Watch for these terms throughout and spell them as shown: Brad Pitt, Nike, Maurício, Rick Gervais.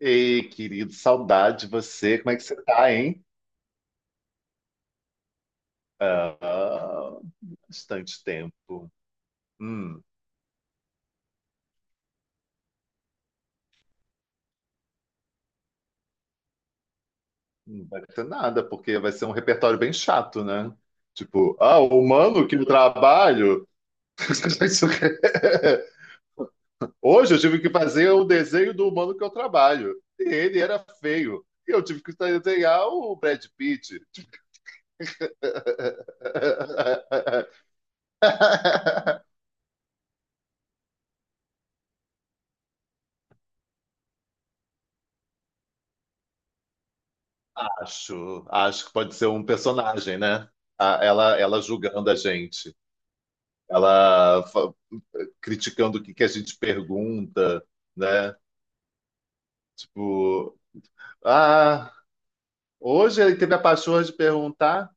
Ei, querido, saudade de você. Como é que você tá, hein? Ah, bastante tempo. Hum, não vai ter nada, porque vai ser um repertório bem chato, né? Tipo, ah, o humano que no trabalho. Hoje eu tive que fazer o desenho do humano que eu trabalho. E ele era feio. E eu tive que desenhar o Brad Pitt. Acho, acho que pode ser um personagem, né? Ela julgando a gente, ela fa- criticando o que que a gente pergunta, né? Tipo, ah, hoje ele teve a pachorra de perguntar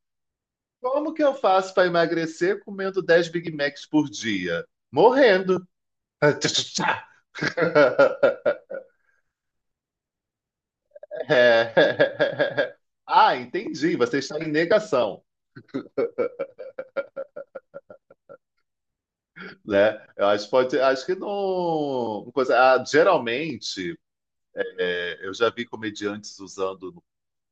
como que eu faço para emagrecer comendo 10 Big Macs por dia? Morrendo. É. Ah, entendi. Você está em negação, né? Eu acho que pode, acho que não. Ah, geralmente. É, eu já vi comediantes usando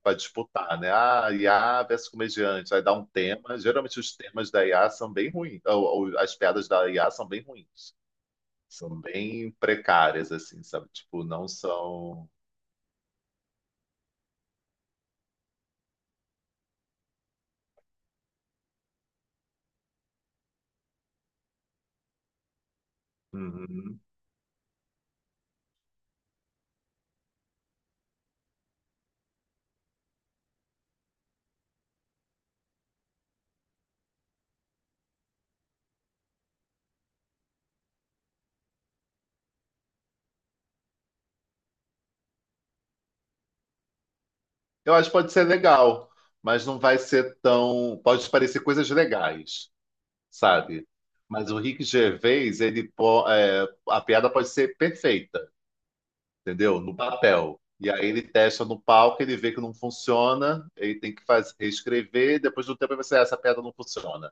para disputar, né? Ah, IA versus comediante. Aí dá um tema. Geralmente os temas da IA são bem ruins. Ou as piadas da IA são bem ruins. São bem precárias, assim, sabe? Tipo, não são. Uhum. Eu acho que pode ser legal, mas não vai ser tão. Pode parecer coisas legais, sabe? Mas o Rick Gervais, ele, é, a piada pode ser perfeita. Entendeu? No papel. E aí ele testa no palco, ele vê que não funciona, ele tem que fazer, reescrever, depois do tempo ele vai ser, "Ah, essa piada não funciona."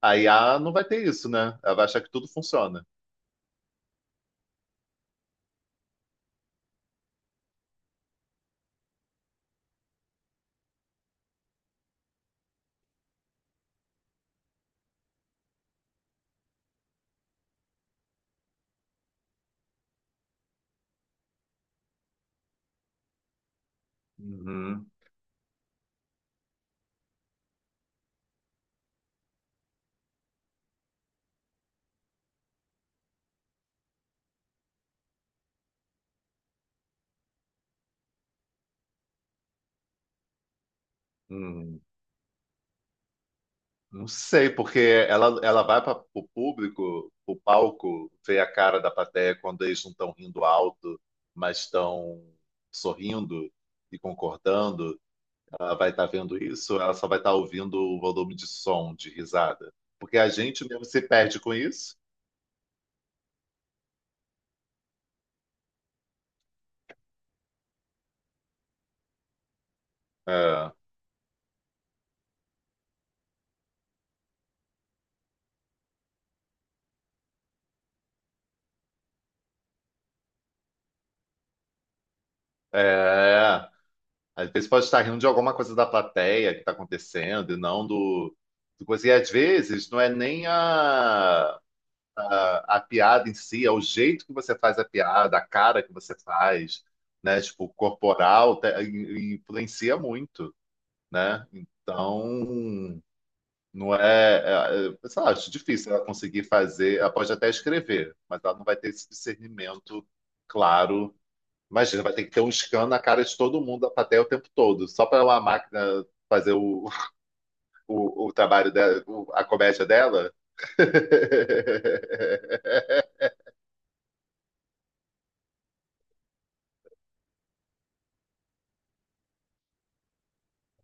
Aí a IA não vai ter isso, né? Ela vai achar que tudo funciona. Uhum, uhum. Não sei, porque ela vai para o público, o palco, ver a cara da plateia quando eles não estão rindo alto, mas estão sorrindo e concordando. Ela vai estar vendo isso, ela só vai estar ouvindo o volume de som, de risada. Porque a gente mesmo se perde com isso. É, é, às vezes pode estar rindo de alguma coisa da plateia que está acontecendo e não do coisa. E às vezes não é nem a piada em si, é o jeito que você faz a piada, a cara que você faz, né? Tipo, corporal, influencia muito, né? Então, não é, sei lá, acho difícil ela conseguir fazer. Ela pode até escrever, mas ela não vai ter esse discernimento claro. Imagina, vai ter que ter um scan na cara de todo mundo da plateia o tempo todo, só para uma máquina fazer o trabalho dela, a comédia dela.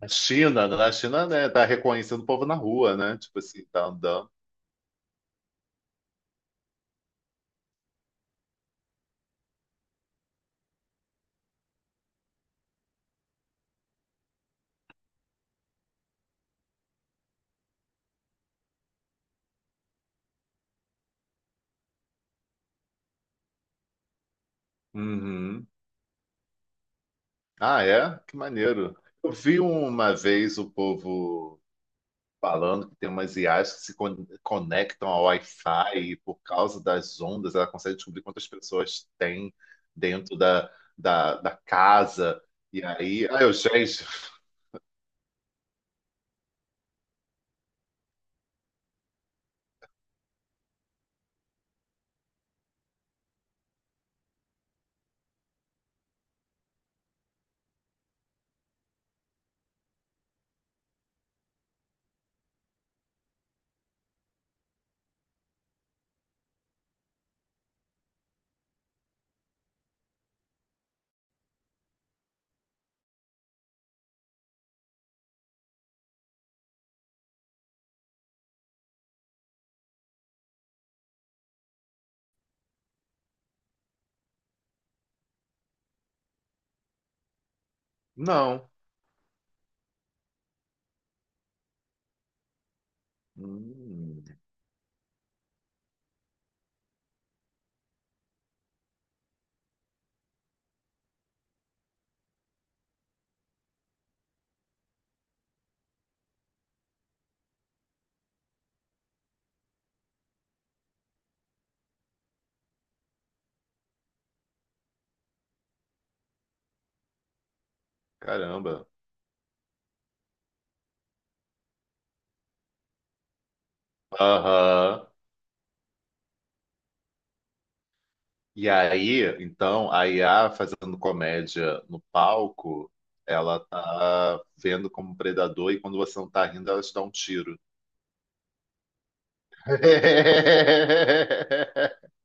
A China, na China, né, tá reconhecendo o povo na rua, né? Tipo assim, tá andando. Uhum. Ah, é? Que maneiro. Eu vi uma vez o povo falando que tem umas IAs que se conectam ao Wi-Fi e por causa das ondas ela consegue descobrir quantas pessoas tem dentro da casa. E aí, ah, eu, gente, não. Hum, caramba. Aham. E aí, então, a IA fazendo comédia no palco, ela tá vendo como predador e quando você não tá rindo, ela te dá um tiro.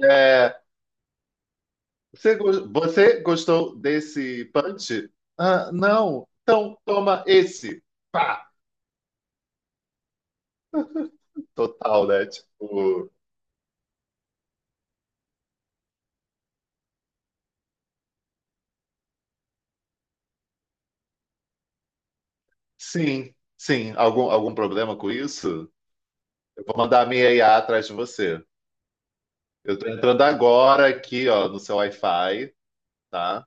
É, você gostou desse punch? Ah, não. Então toma esse. Pá! Total, né? Tipo, sim, sim. Algum problema com isso? Eu vou mandar a minha IA atrás de você. Eu tô entrando agora aqui, ó, no seu Wi-Fi, tá?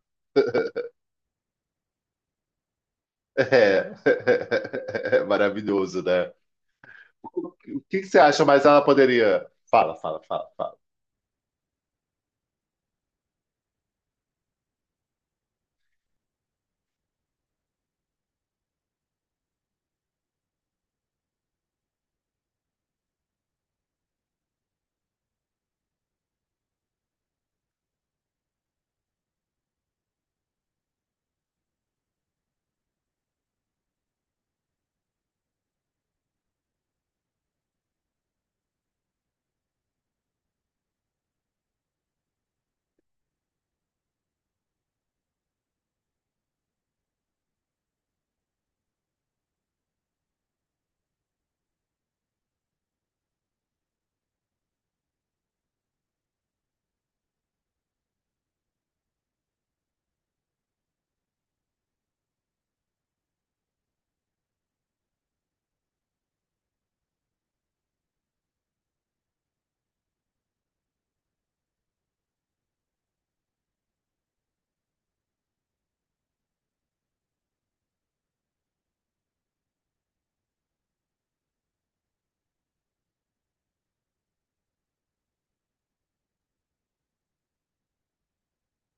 É. É maravilhoso, né? O que que você acha? Mas ela poderia. Fala, fala, fala, fala.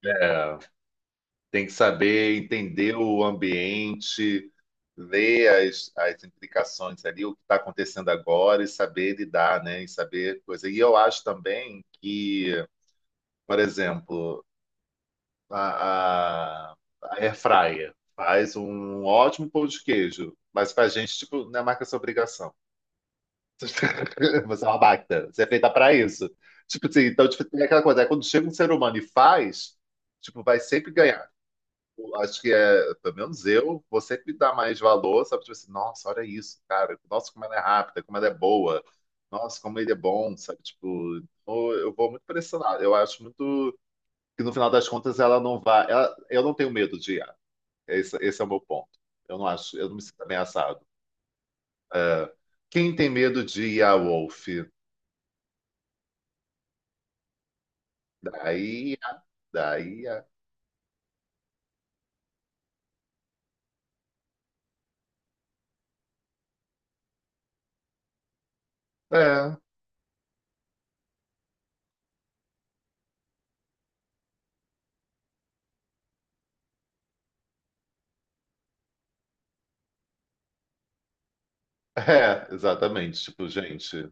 É, tem que saber entender o ambiente, ler as implicações ali, o que está acontecendo agora e saber lidar, né? E saber coisa. E eu acho também que, por exemplo, a, a, a air fryer faz um ótimo pão de queijo, mas pra gente, tipo, não é marca essa obrigação. Você é uma máquina, você é feita para isso. Tipo assim, então, tipo, tem aquela coisa, é quando chega um ser humano e faz, tipo, vai sempre ganhar. Acho que é, pelo menos eu, você que dá mais valor, sabe? Tipo assim, nossa, olha isso, cara. Nossa, como ela é rápida, como ela é boa. Nossa, como ele é bom, sabe? Tipo, eu vou muito pra esse lado. Eu acho muito que no final das contas ela não vai. Eu não tenho medo de IA. Esse é o meu ponto. Eu não acho, eu não me sinto ameaçado. É, quem tem medo de I a Wolf? Daí, daí. É, é, exatamente. Tipo, gente.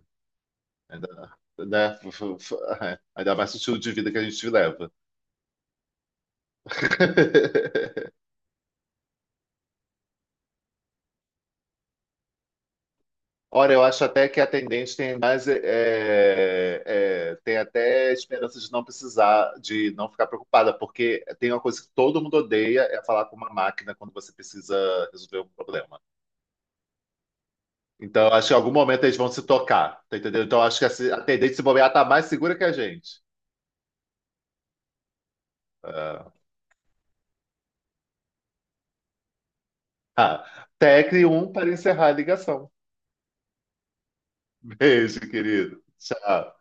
Ainda, né? Ainda mais o estilo de vida que a gente leva. Ora, eu acho até que a atendente tem mais, tem até esperança de não precisar, de não ficar preocupada, porque tem uma coisa que todo mundo odeia, é falar com uma máquina quando você precisa resolver um problema. Então, eu acho que em algum momento eles vão se tocar, tá entendendo? Então, eu acho que a atendente se bobear tá mais segura que a gente. Ah, ah, tecle 1 para encerrar a ligação. Beijo, querido. Tchau.